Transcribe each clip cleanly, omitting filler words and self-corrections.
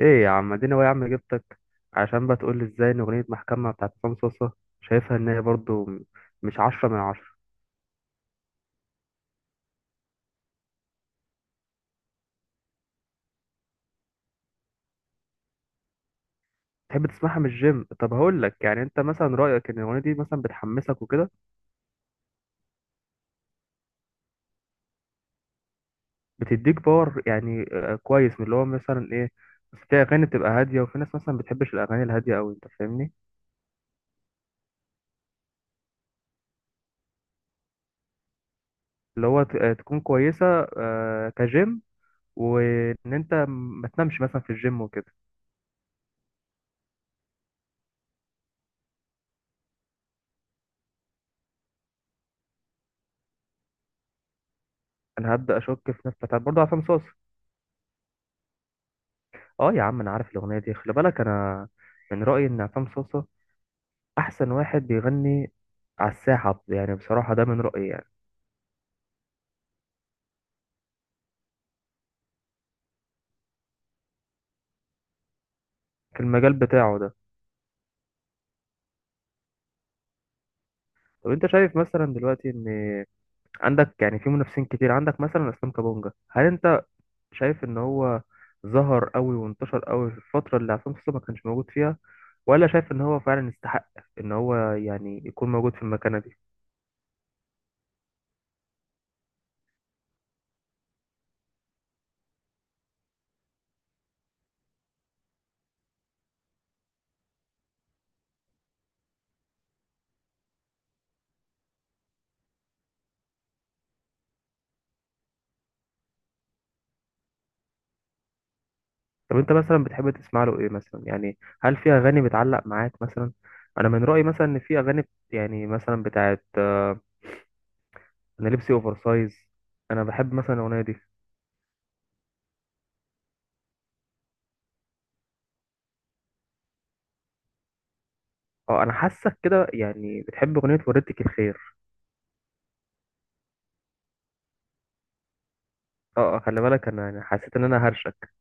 ايه يا عم اديني، هو يا عم جبتك عشان بقى تقول لي ازاي ان اغنيه محكمه بتاعت عصام صوصه شايفها ان هي برضو مش عشرة من عشرة. تحب تسمعها من الجيم؟ طب هقول لك، يعني انت مثلا رايك ان الاغنيه دي مثلا بتحمسك وكده؟ بتديك باور يعني، كويس، من اللي هو مثلا ايه؟ بس في اغاني بتبقى هاديه وفي ناس مثلا بتحبش الاغاني الهاديه قوي، انت فاهمني؟ اللي هو تكون كويسه، كجيم، وان انت ما تنامش مثلا في الجيم وكده. انا هبدا اشك في نفسي، طب برضه عصام صوصه. اه يا عم انا عارف الاغنيه دي، خلي بالك انا من رايي ان عصام صوصه احسن واحد بيغني على الساحه، يعني بصراحه ده من رايي يعني، في المجال بتاعه ده. طب انت شايف مثلا دلوقتي ان عندك يعني في منافسين كتير؟ عندك مثلا اسلام كابونجا، هل انت شايف ان هو ظهر قوي وانتشر قوي في الفتره اللي عصام صوصه ما كانش موجود فيها، ولا شايف ان هو فعلا يستحق ان هو يعني يكون موجود في المكانه دي؟ طب انت مثلا بتحب تسمع له ايه مثلا؟ يعني هل في اغاني بتعلق معاك مثلا؟ انا من رايي مثلا ان في اغاني يعني مثلا بتاعت، انا لبسي اوفر سايز، انا بحب مثلا الاغنيه دي. اه انا حاسك كده، يعني بتحب اغنيه وردتك الخير. اه، خلي بالك انا يعني حسيت ان انا هرشك.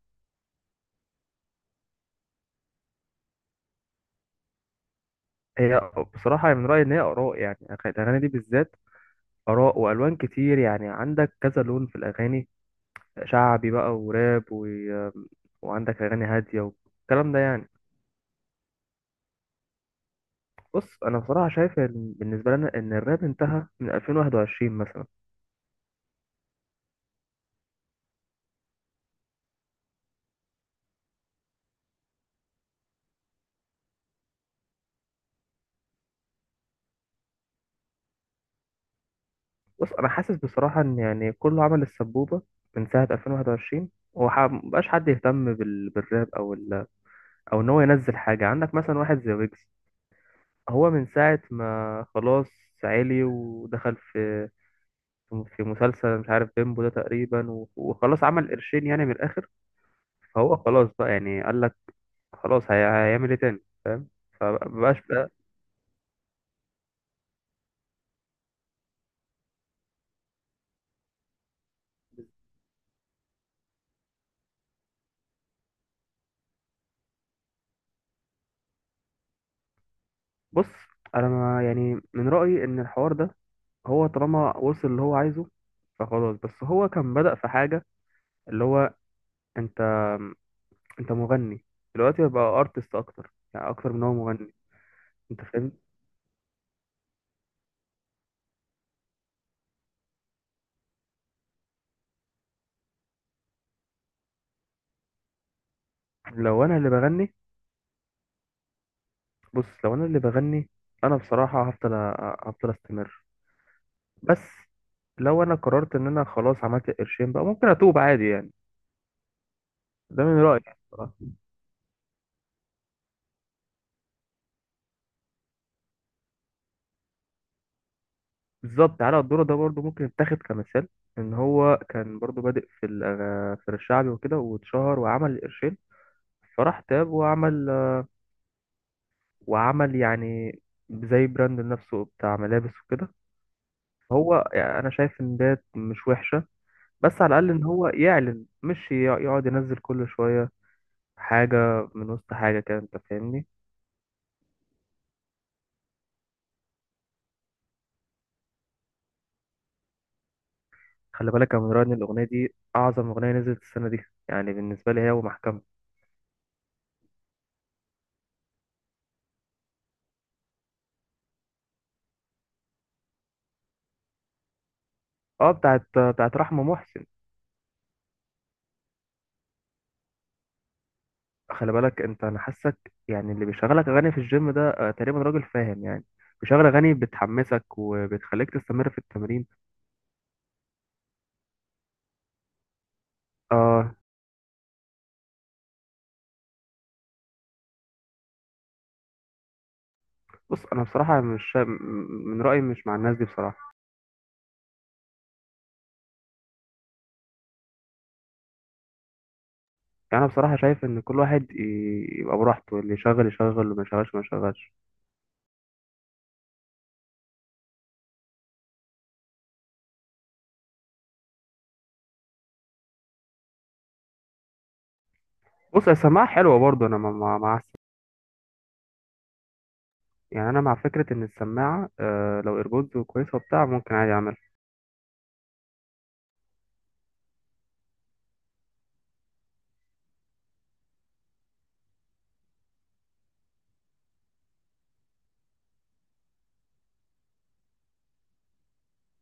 هي بصراحه يعني من رايي ان هي اراء، يعني الاغاني دي بالذات اراء والوان كتير، يعني عندك كذا لون في الاغاني، شعبي بقى وراب و، وعندك اغاني هاديه والكلام ده يعني. بص انا بصراحه شايف ان بالنسبه لنا ان الراب انتهى من 2021 مثلا. بص انا حاسس بصراحه ان يعني كله عمل السبوبه من ساعه 2021 ومبقاش حد يهتم بالراب او ال، او ان هو ينزل حاجه. عندك مثلا واحد زي ويجز، هو من ساعه ما خلاص عالي ودخل في في مسلسل مش عارف بيمبو ده تقريبا و، وخلاص عمل قرشين يعني من الاخر. فهو خلاص بقى يعني قال لك خلاص، هيعمل ايه تاني؟ فاهم؟ فمبقاش. بص انا ما يعني من رأيي ان الحوار ده هو طالما وصل اللي هو عايزه فخلاص. بس هو كان بدأ في حاجة، اللي هو، انت انت مغني، دلوقتي بقى ارتست اكتر، يعني اكتر من هو مغني، انت فاهم؟ لو انا اللي بغني، بص لو انا اللي بغني انا بصراحة هفضل هفضل استمر. بس لو انا قررت ان انا خلاص عملت قرشين بقى ممكن اتوب عادي يعني. ده من رأيي بصراحة. بالظبط، علاء الدورة ده برضه ممكن يتاخد كمثال، ان هو كان برضه بادئ في في الشعبي وكده واتشهر وعمل قرشين، فراح تاب وعمل يعني زي براند لنفسه بتاع ملابس وكده. هو يعني انا شايف ان ده مش وحشة، بس على الاقل ان هو يعلن، مش يقعد ينزل كل شوية حاجة من وسط حاجة كده، انت فاهمني؟ خلي بالك يا منير ان الاغنية دي اعظم اغنية نزلت السنة دي، يعني بالنسبة لي هي ومحكمة. اه، بتاعت بتاعت رحمة محسن. خلي بالك انت، انا حاسك يعني اللي بيشغلك اغاني في الجيم ده تقريبا راجل فاهم يعني، بيشغل اغاني بتحمسك وبتخليك تستمر في التمرين. آه. بص انا بصراحه مش شا- م- من رايي مش مع الناس دي بصراحه. يعني انا بصراحه شايف ان كل واحد يبقى براحته، اللي يشغل يشغل واللي ما يشغلش ما يشغلش. بص السماعه حلوه برضه، انا مع مع يعني انا مع فكره ان السماعه، آه لو ايربودز كويسه وبتاع ممكن عادي اعملها.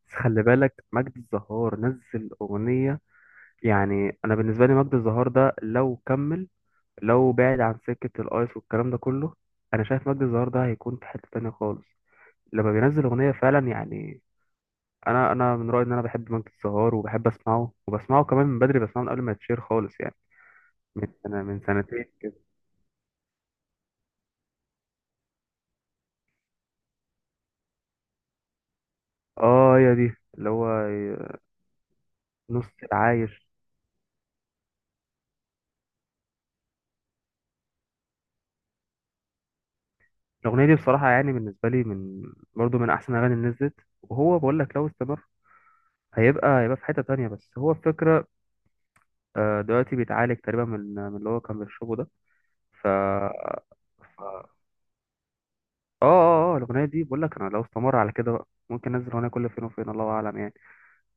بس خلي بالك مجد الزهار نزل اغنيه، يعني انا بالنسبه لي مجد الزهار ده لو كمل، لو بعد عن سكة الأيس والكلام ده كله، أنا شايف مجدي الظاهر ده هيكون في حتة تانية خالص لما بينزل أغنية فعلا يعني. أنا من رأيي إن أنا بحب مجدي الظاهر وبحب أسمعه وبسمعه كمان من بدري، بسمعه من قبل ما يتشير خالص يعني، من سنة من سنتين كده. آه هي دي اللي هو، نص العايش. الأغنية دي بصراحة يعني بالنسبة لي من برضه من أحسن الأغاني اللي نزلت، وهو بقول لك لو استمر هيبقى هيبقى في حتة تانية. بس هو الفكرة، دلوقتي بيتعالج تقريبا من من اللي هو كان بيشربه ده. ف اه، الاغنيه دي بقول لك، انا لو استمر على كده بقى ممكن انزل اغنيه كل فين وفين الله اعلم يعني.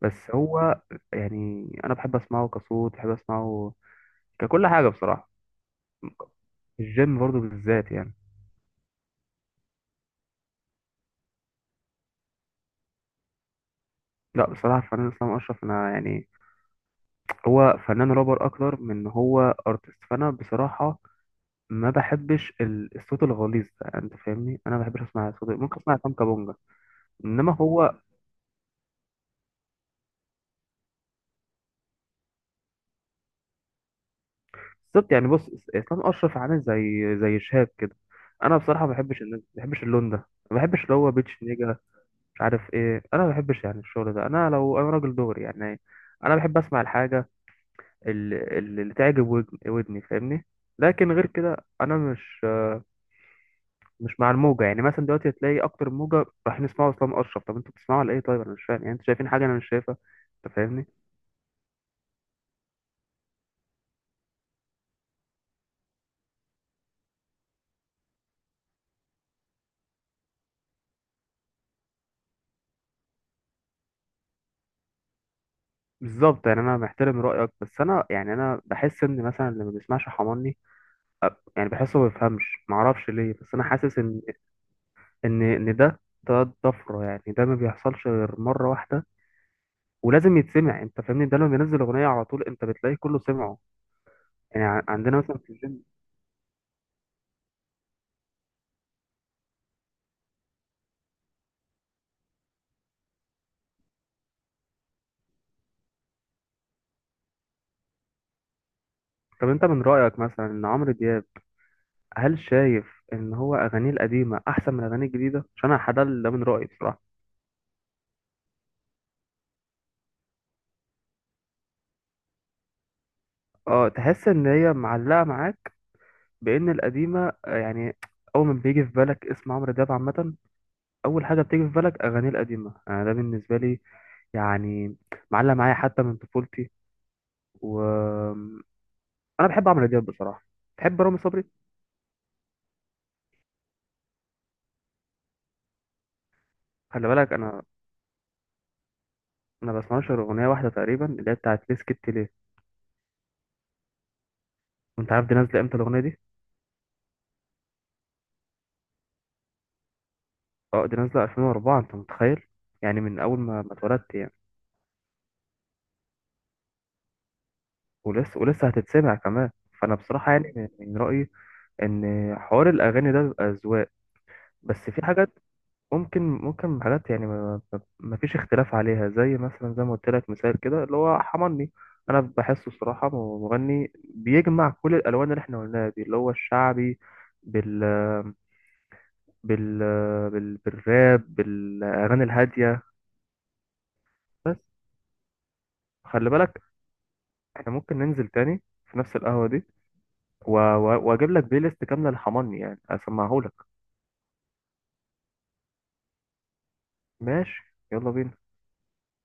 بس هو، يعني انا بحب اسمعه كصوت، بحب اسمعه ككل حاجه بصراحه، الجيم برضو بالذات يعني. لا بصراحه الفنان اسلام اشرف، انا يعني هو فنان رابر اكتر من إن هو ارتست، فانا بصراحه ما بحبش الصوت الغليظ ده، انت فاهمني؟ انا ما بحبش اسمع صوت. ممكن اسمع سام كابونجا، انما هو، بالظبط يعني، بص اسلام اشرف عامل زي شهاب كده. انا بصراحه ما بحبش ما بحبش اللون ده، ما بحبش اللي هو بيتش نيجا، مش عارف ايه. انا ما بحبش يعني الشغل ده، انا لو انا راجل دغري يعني، انا بحب اسمع الحاجه اللي تعجب ودني، فاهمني؟ لكن غير كده انا مش مع الموجه، يعني مثلا دلوقتي تلاقي اكتر موجه رايحين يسمعوا اسلام اشرف. طب انتوا بتسمعوا على ايه؟ طيب انا مش فاهم يعني، انتوا شايفين حاجه انا مش شايفها، انت فاهمني؟ بالظبط يعني، انا محترم رايك، بس انا يعني انا بحس ان مثلا اللي ما بيسمعش حماني يعني بحسه ما بيفهمش، ما اعرفش ليه، بس انا حاسس ان ان ده طفره يعني، ده ما بيحصلش غير مره واحده، ولازم يتسمع انت فاهمني. ده لما بينزل اغنيه على طول انت بتلاقي كله سمعه، يعني عندنا مثلا في الجيم. طب انت من رايك مثلا ان عمرو دياب، هل شايف ان هو اغانيه القديمه احسن من اغانيه الجديده؟ عشان انا حد ده، من رايي بصراحه. اه تحس ان هي معلقه معاك، بان القديمه، يعني اول ما بيجي في بالك اسم عمرو دياب عامه، اول حاجه بتيجي في بالك اغاني القديمه. انا ده بالنسبه لي يعني معلق معايا حتى من طفولتي، و، انا بحب عمرو دياب بصراحه، بحب رامي صبري. خلي بالك انا، انا بسمعش غير اغنيه واحده تقريبا اللي هي بتاعت ليه سكت ليه. وانت عارف دي نازله امتى الاغنيه دي؟ اه دي نازله 2004، انت متخيل؟ يعني من اول ما اتولدت يعني. ولسه ولسه هتتسمع كمان. فانا بصراحه يعني من من رايي ان حوار الاغاني ده بيبقى اذواق. بس في حاجات، ممكن حاجات يعني ما فيش اختلاف عليها، زي مثلا زي ما قلت لك مثال كده اللي هو حماني. انا بحسه الصراحه مغني بيجمع كل الالوان اللي احنا قلناها دي، اللي هو الشعبي بال بال, بالراب بالاغاني الهاديه. بس خلي بالك، احنا ممكن ننزل تاني في نفس القهوه دي و، و، واجيب لك بلاي ليست كامله لحماني يعني اسمعهولك. ماشي، يلا بينا.